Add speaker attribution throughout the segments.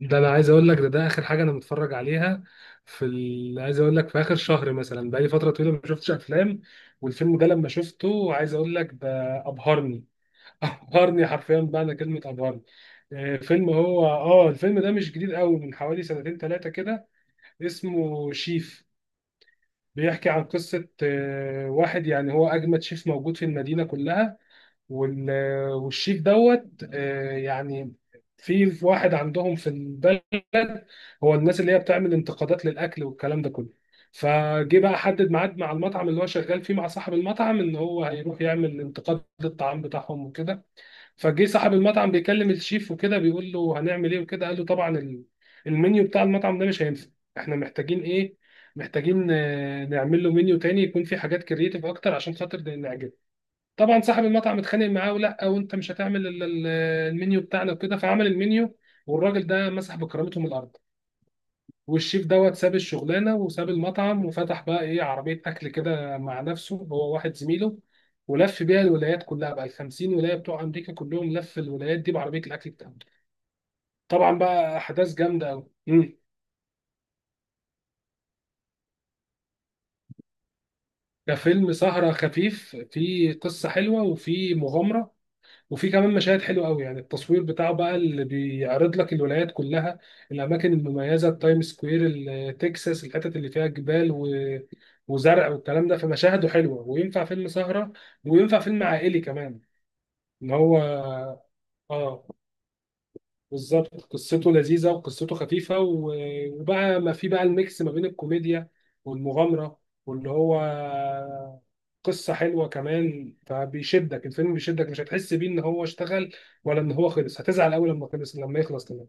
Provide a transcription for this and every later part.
Speaker 1: ده انا عايز اقول لك، ده اخر حاجه انا متفرج عليها. في عايز اقول لك، في اخر شهر مثلا بقالي فتره طويله ما شفتش افلام. والفيلم ده لما شفته عايز اقول لك، ده ابهرني. ابهرني حرفيا، بمعنى كلمه ابهرني. فيلم، هو الفيلم ده مش جديد قوي، من حوالي سنتين ثلاثه كده. اسمه شيف. بيحكي عن قصه واحد، يعني هو اجمد شيف موجود في المدينه كلها. وال- والشيف دوت، يعني في واحد عندهم في البلد، هو الناس اللي هي بتعمل انتقادات للاكل والكلام ده كله. فجه بقى حدد ميعاد مع المطعم اللي هو شغال فيه، مع صاحب المطعم، ان هو هيروح يعمل انتقاد للطعام بتاعهم وكده. فجه صاحب المطعم بيكلم الشيف وكده، بيقول له هنعمل ايه وكده. قال له طبعا المنيو بتاع المطعم ده مش هينفع. احنا محتاجين ايه؟ محتاجين نعمل له منيو تاني يكون فيه حاجات كرييتيف اكتر عشان خاطر نعجبه. طبعا صاحب المطعم اتخانق معاه، ولا وانت مش هتعمل المنيو بتاعنا وكده. فعمل المنيو، والراجل ده مسح بكرامته من الارض. والشيف دوت ساب الشغلانه وساب المطعم، وفتح بقى ايه، عربيه اكل كده مع نفسه، هو واحد زميله. ولف بيها الولايات كلها بقى، ال 50 ولايه بتوع امريكا كلهم، لف الولايات دي بعربيه الاكل بتاعته. طبعا بقى احداث جامده قوي. ده فيلم سهره خفيف، فيه قصه حلوه وفيه مغامره. وفي كمان مشاهد حلوه قوي، يعني التصوير بتاعه بقى اللي بيعرض لك الولايات كلها، الاماكن المميزه، التايم سكوير، تكساس، الحتت اللي فيها جبال وزرع والكلام ده. فمشاهده حلوه وينفع فيلم سهره، وينفع فيلم عائلي كمان. ان هو، اه، بالظبط قصته لذيذة وقصته خفيفة، وبقى ما في بقى الميكس ما بين الكوميديا والمغامرة، واللي هو قصة حلوة كمان. فبيشدك الفيلم، بيشدك، مش هتحس بيه ان هو اشتغل ولا ان هو خلص، هتزعل قوي لما خلص، لما يخلص كمان.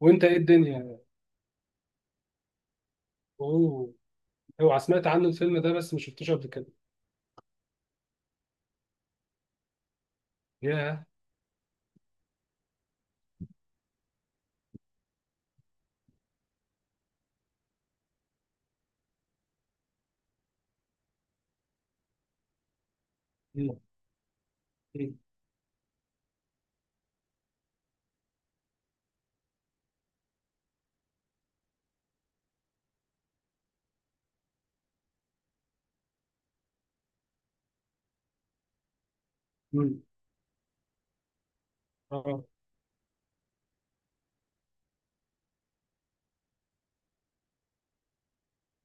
Speaker 1: وانت ايه الدنيا؟ اوه. اوعى سمعت عنه الفيلم ده، بس ما شفتوش قبل كده. ياه. مم. مم. مم. اه.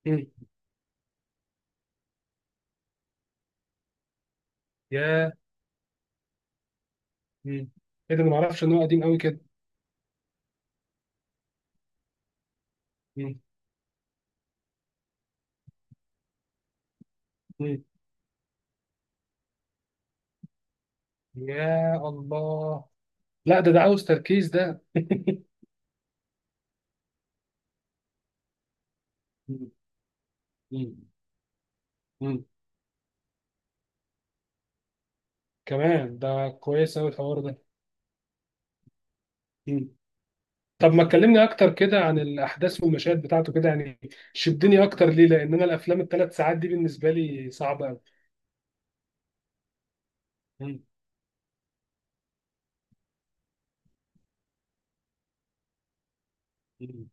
Speaker 1: مم. ياه. مم. ايه ده؟ ما اعرفش ان هو قديم قوي كده. مم. مم. يا الله. لا، ده عاوز تركيز ده. مم. مم. مم. كمان ده كويس قوي الحوار ده. مم. طب ما تكلمني اكتر كده عن الاحداث والمشاهد بتاعته كده يعني، شدني اكتر ليه، لان انا الافلام الثلاث ساعات دي بالنسبه لي صعبه قوي. مم. مم.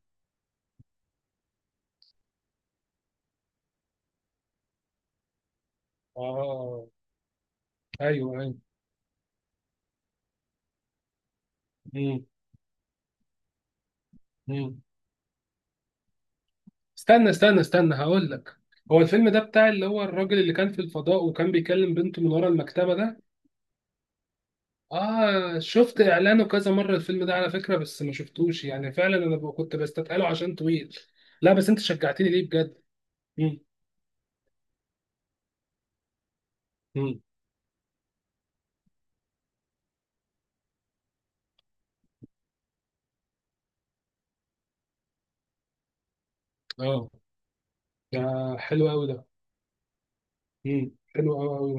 Speaker 1: اه. ايوه ايوه. مم. مم. استنى استنى استنى، هقول لك. هو الفيلم ده بتاع اللي هو الراجل اللي كان في الفضاء وكان بيكلم بنته من ورا المكتبه ده؟ اه، شفت اعلانه كذا مره الفيلم ده على فكره، بس ما شفتوش يعني. فعلا انا كنت بستثقله عشان طويل. لا بس انت شجعتني ليه بجد. مم. مم. اه. ده حلو قوي ده. مم. حلو قوي قوي.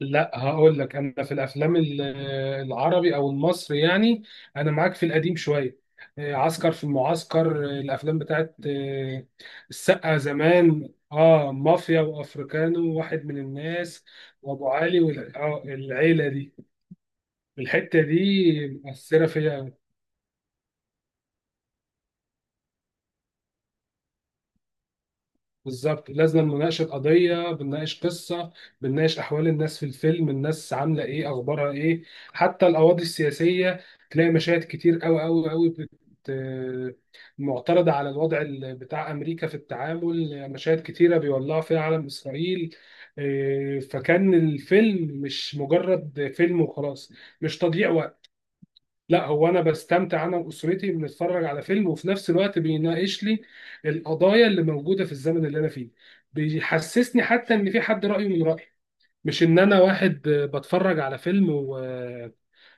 Speaker 1: لا، هقول لك، انا في الافلام العربي او المصري يعني، انا معاك في القديم شويه. عسكر في المعسكر، الافلام بتاعت السقا زمان، اه، مافيا وافريكانو وواحد من الناس وابو علي والعيله دي. الحتة دي مؤثرة فيا. بالظبط، لازم مناقشة قضية، بنناقش قصة، بنناقش أحوال الناس في الفيلم، الناس عاملة إيه، أخبارها إيه، حتى القواضي السياسية. تلاقي مشاهد كتير أوي أوي أوي معترضة على الوضع بتاع أمريكا في التعامل، مشاهد كتيرة بيولعوا فيها علم إسرائيل. إيه، فكان الفيلم مش مجرد فيلم وخلاص، مش تضييع وقت. لا، هو انا بستمتع، انا واسرتي بنتفرج على فيلم، وفي نفس الوقت بيناقش لي القضايا اللي موجوده في الزمن اللي انا فيه. بيحسسني حتى ان في حد رايه من رايي، مش ان انا واحد بتفرج على فيلم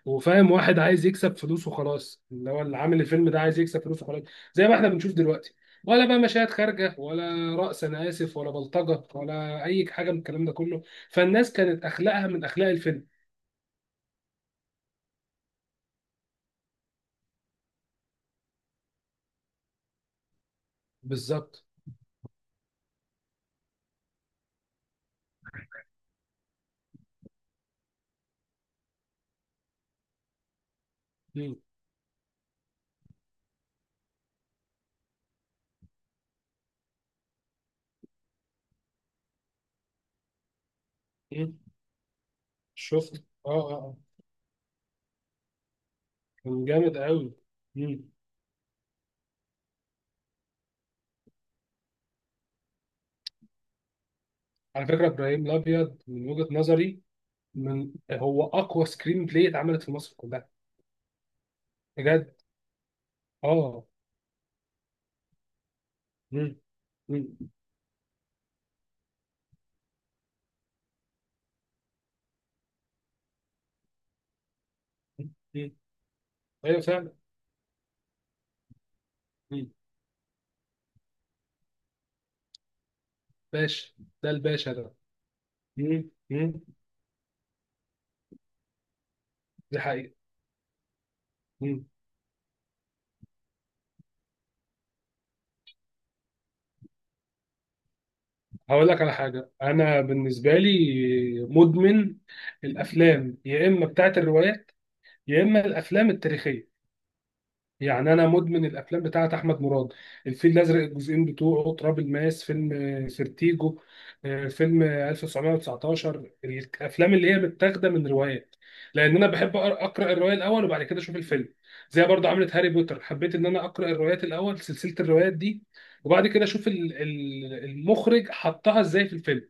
Speaker 1: وفاهم واحد عايز يكسب فلوس وخلاص، اللي هو اللي عامل الفيلم ده عايز يكسب فلوس وخلاص، زي ما احنا بنشوف دلوقتي. ولا بقى مشاهد خارجه، ولا رقص انا اسف، ولا بلطجه، ولا اي حاجه من الكلام ده كله. فالناس كانت اخلاقها من اخلاق الفيلم. بالظبط. مم. مم. شفت، اه اه. كان جامد قوي. مم. على فكره ابراهيم الابيض من وجهه نظري، من هو اقوى سكرين بلاي اتعملت في مصر كلها. بجد. اه. مم. مم. مم. ايوه فعلا. مم. باشا. ده الباشا ده. مم. مم. دي حقيقه. مم. هقول لك على حاجه، انا بالنسبه لي مدمن الافلام، يا اما بتاعت الروايات، يا اما الافلام التاريخيه. يعني انا مدمن الافلام بتاعت احمد مراد، الفيل الازرق الجزئين بتوعه، تراب الماس، فيلم سيرتيجو، فيلم 1919، الافلام اللي هي متاخده من روايات. لان انا بحب اقرا الروايه الاول وبعد كده اشوف الفيلم. زي برضه عملت هاري بوتر، حبيت ان انا اقرا الروايات الاول، سلسله الروايات دي، وبعد كده اشوف المخرج حطها ازاي في الفيلم.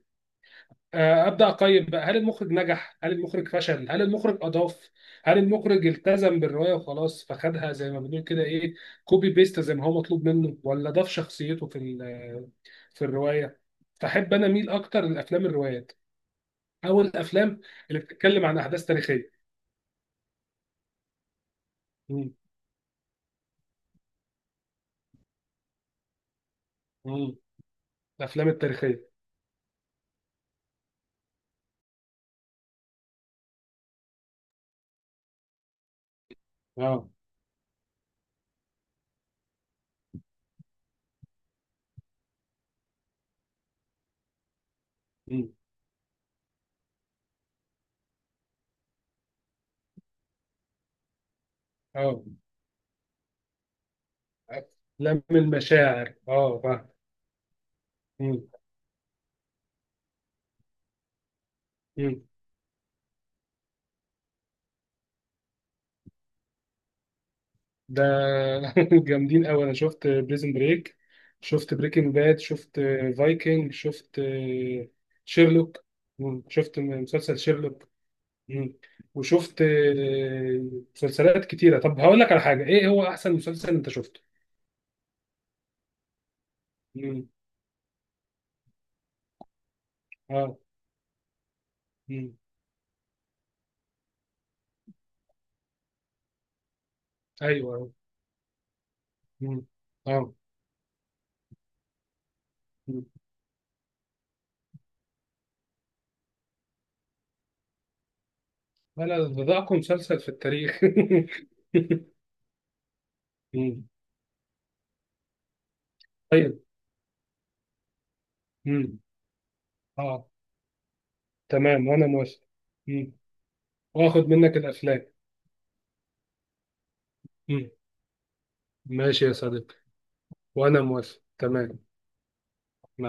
Speaker 1: ابدا اقيم بقى، هل المخرج نجح، هل المخرج فشل، هل المخرج اضاف، هل المخرج التزم بالروايه وخلاص فخدها زي ما بنقول كده ايه، كوبي بيست زي ما هو مطلوب منه، ولا ضاف شخصيته في في الروايه. فاحب انا اميل اكتر للافلام الروايات، او الافلام اللي بتتكلم عن احداث تاريخيه. مم. مم. الافلام التاريخيه. اه. مم. اه. افلام المشاعر، اه، فاهم. مم. مم. ده جامدين قوي. انا شفت بريزن بريك، شفت بريكنج باد، شفت فايكنج، شفت شيرلوك، شفت مسلسل شيرلوك. مم. وشفت مسلسلات كتيرة. طب هقول لك على حاجة، ايه هو احسن مسلسل انت شفته؟ مم. اه. مم. ايوه آه. مم. اه. مم. ولا ده اقوى مسلسل في التاريخ. مم. طيب. مم. اه. تمام وانا موافق. مم. واخد منك الافلام. ماشي يا صديقي. وأنا موافق تمام. مع